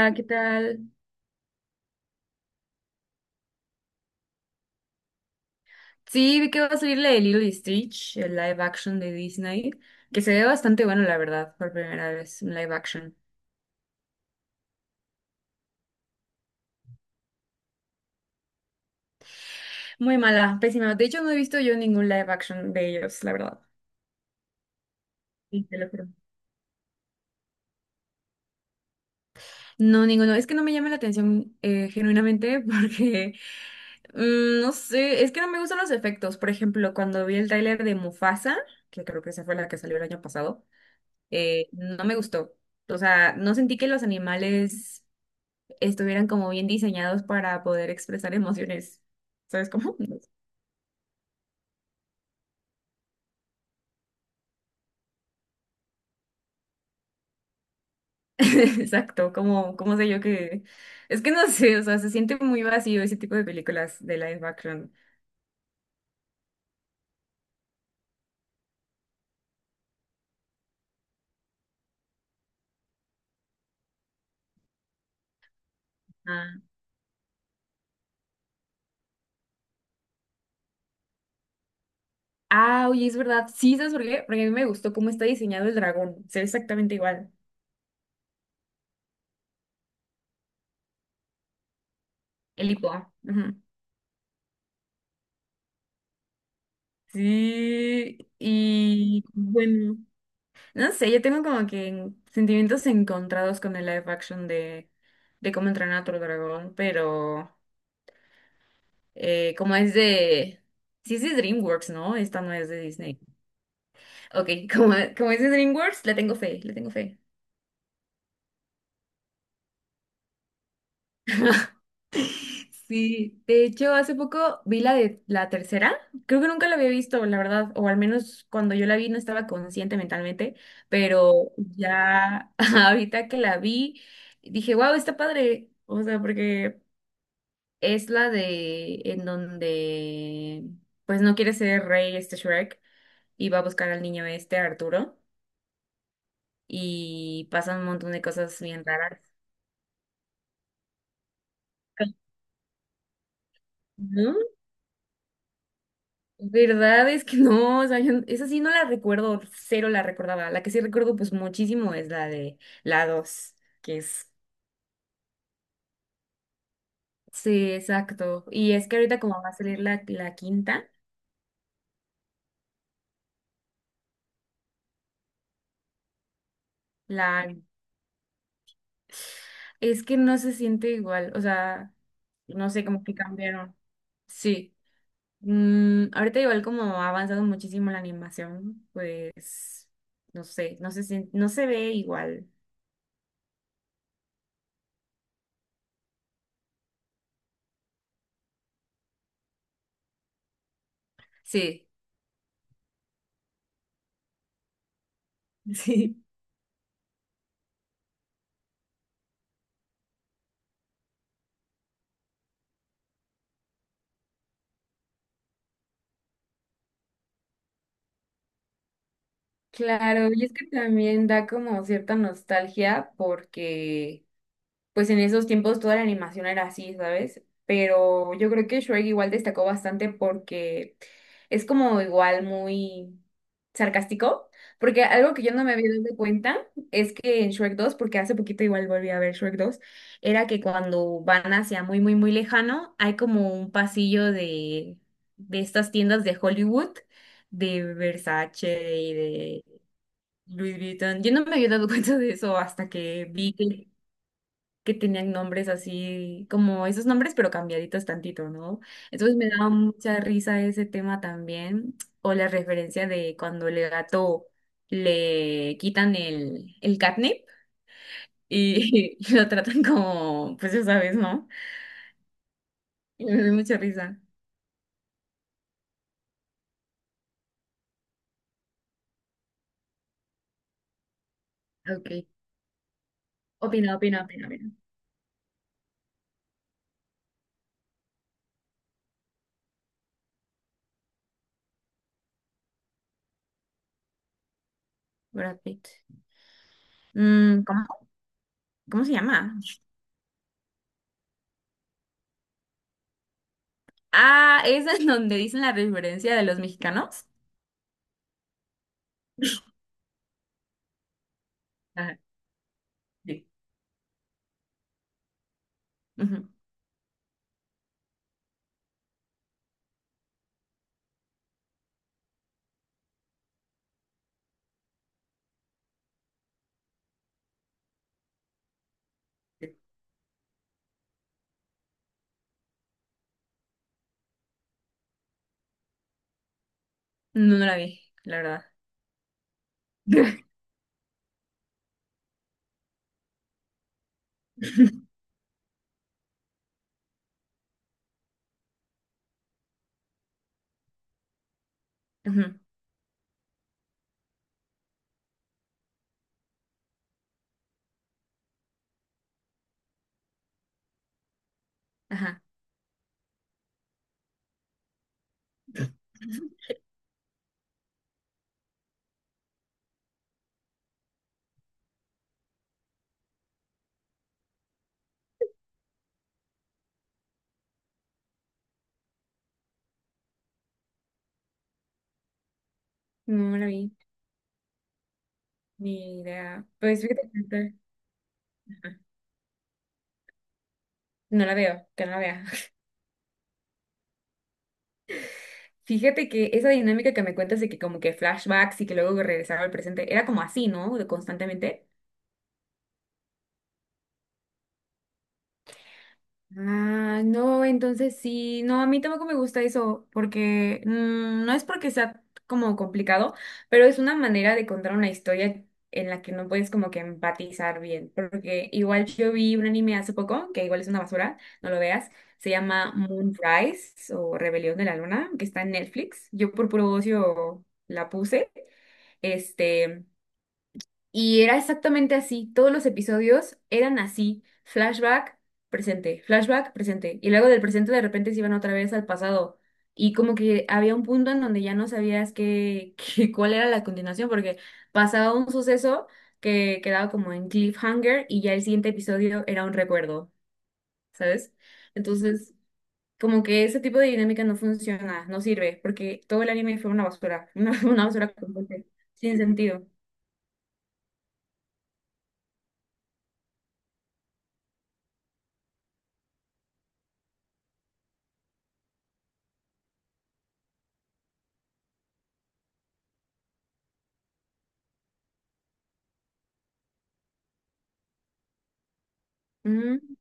Hola, ¿qué tal? Sí, vi que va a salir la de Lilo y Stitch, el live action de Disney, que se ve bastante bueno, la verdad, por primera vez, un live action. Muy mala, pésima. De hecho, no he visto yo ningún live action de ellos, la verdad. Sí, te lo juro. No, ninguno. Es que no me llama la atención genuinamente porque, no sé, es que no me gustan los efectos. Por ejemplo, cuando vi el tráiler de Mufasa, que creo que esa fue la que salió el año pasado, no me gustó. O sea, no sentí que los animales estuvieran como bien diseñados para poder expresar emociones. ¿Sabes cómo? Exacto, como, ¿cómo sé yo que...? Es que no sé, o sea, se siente muy vacío ese tipo de películas de live action. Ah. Ah, oye, es verdad. Sí, ¿sabes por qué? Porque a mí me gustó cómo está diseñado el dragón. Se ve exactamente igual. El hipo. Ujú. Sí, y bueno, no sé, yo tengo como que sentimientos encontrados con el live action de cómo entrenar a tu dragón, pero... como es de... Sí es de DreamWorks, ¿no? Esta no es de Disney. Ok, como, como es de DreamWorks, le tengo fe, le tengo fe. Sí, de hecho, hace poco vi la de la tercera. Creo que nunca la había visto, la verdad, o al menos cuando yo la vi no estaba consciente mentalmente, pero ya ahorita que la vi, dije, wow, está padre. O sea, porque es la de en donde pues no quiere ser rey este Shrek y va a buscar al niño este Arturo. Y pasan un montón de cosas bien raras. ¿No? ¿Verdad? Es que no, o sea, yo- esa sí no la recuerdo, cero la recordaba. La que sí recuerdo pues muchísimo es la de la 2 que es... Sí, exacto. Y es que ahorita como va a salir la quinta, la... Es que no se siente igual, o sea, no sé, como que cambiaron. Sí. Ahorita igual como ha avanzado muchísimo la animación, pues, no sé, no se sien- no se ve igual. Sí. Sí. Claro, y es que también da como cierta nostalgia porque pues en esos tiempos toda la animación era así, ¿sabes? Pero yo creo que Shrek igual destacó bastante porque es como igual muy sarcástico, porque algo que yo no me había dado cuenta es que en Shrek dos, porque hace poquito igual volví a ver Shrek dos, era que cuando van hacia muy, muy, muy lejano, hay como un pasillo de estas tiendas de Hollywood, de Versace y de... Louis Vuitton. Yo no me había dado cuenta de eso hasta que vi que tenían nombres así, como esos nombres, pero cambiaditos tantito, ¿no? Entonces me daba mucha risa ese tema también, o la referencia de cuando el gato le quitan el catnip y, lo tratan como, pues ya sabes, ¿no? Y me dio mucha risa. Ok. Opina, opina, opina, opina. Brad Pitt. Mm, ¿cómo, cómo se llama? Ah, esa es donde dicen la referencia de los mexicanos. Ajá, sí. Ujú. No, no la vi, la verdad. Ajá, ajá. No la vi, ni idea. Pues fíjate que ahorita... Ajá, no la veo, que no la vea. Fíjate que esa dinámica que me cuentas de que como que flashbacks y que luego regresaba al presente, era como así, ¿no? De constantemente. Ah, no, entonces sí, no, a mí tampoco me gusta eso, porque mm, no es porque sea como complicado, pero es una manera de contar una historia en la que no puedes como que empatizar bien, porque igual yo vi un anime hace poco, que igual es una basura, no lo veas, se llama Moonrise o Rebelión de la Luna, que está en Netflix, yo por puro ocio la puse, este... Y era exactamente así, todos los episodios eran así, flashback, presente, flashback, presente. Y luego del presente de repente se iban otra vez al pasado. Y como que había un punto en donde ya no sabías qué, qué- cuál era la continuación, porque pasaba un suceso que quedaba como en cliffhanger y ya el siguiente episodio era un recuerdo, ¿sabes? Entonces, como que ese tipo de dinámica no funciona, no sirve, porque todo el anime fue una basura, una basura completa, sin sentido. Mm,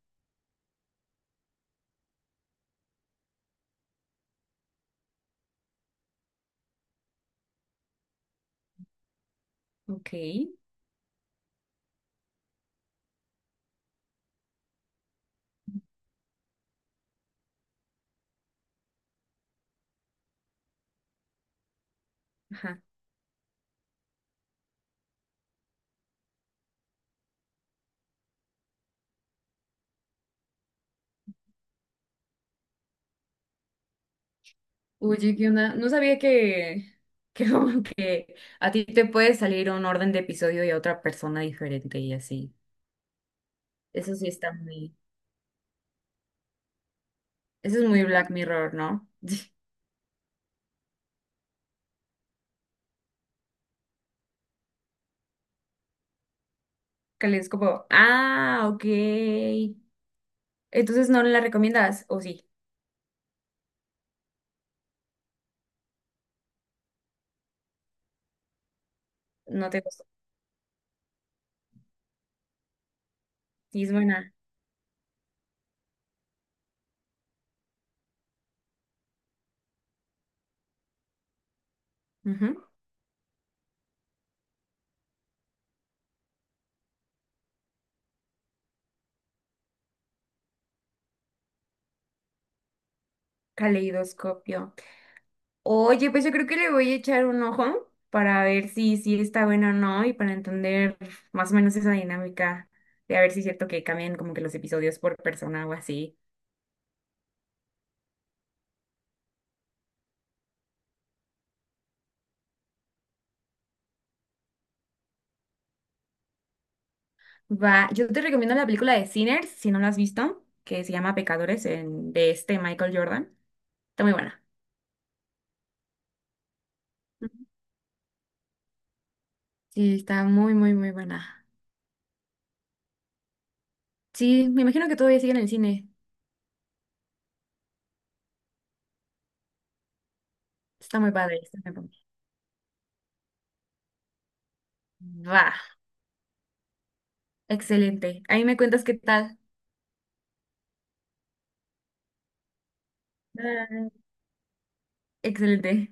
ok. Ajá. Oye, ¿qué onda? No sabía que, que como que a ti te puede salir un orden de episodio y a otra persona diferente y así. Eso sí está muy, eso es muy Black Mirror, ¿no? Que es como, ah, ok. Entonces no la recomiendas, ¿o sí, no te gusta? Sí, es buena. Ujú. Caleidoscopio. Oye, pues yo creo que le voy a echar un ojo para ver si, si está bueno o no y para entender más o menos esa dinámica de a ver si es cierto que cambian como que los episodios por persona o así. Va, yo te recomiendo la película de Sinners, si no la has visto, que se llama Pecadores, en- de este Michael Jordan. Está muy buena. Ujú. Sí, está muy, muy, muy buena. Sí, me imagino que todavía sigue en el cine. Está muy padre. Está muy padre. Va, excelente. Ahí me cuentas qué tal. Bye. Excelente.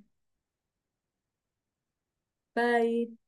Bye.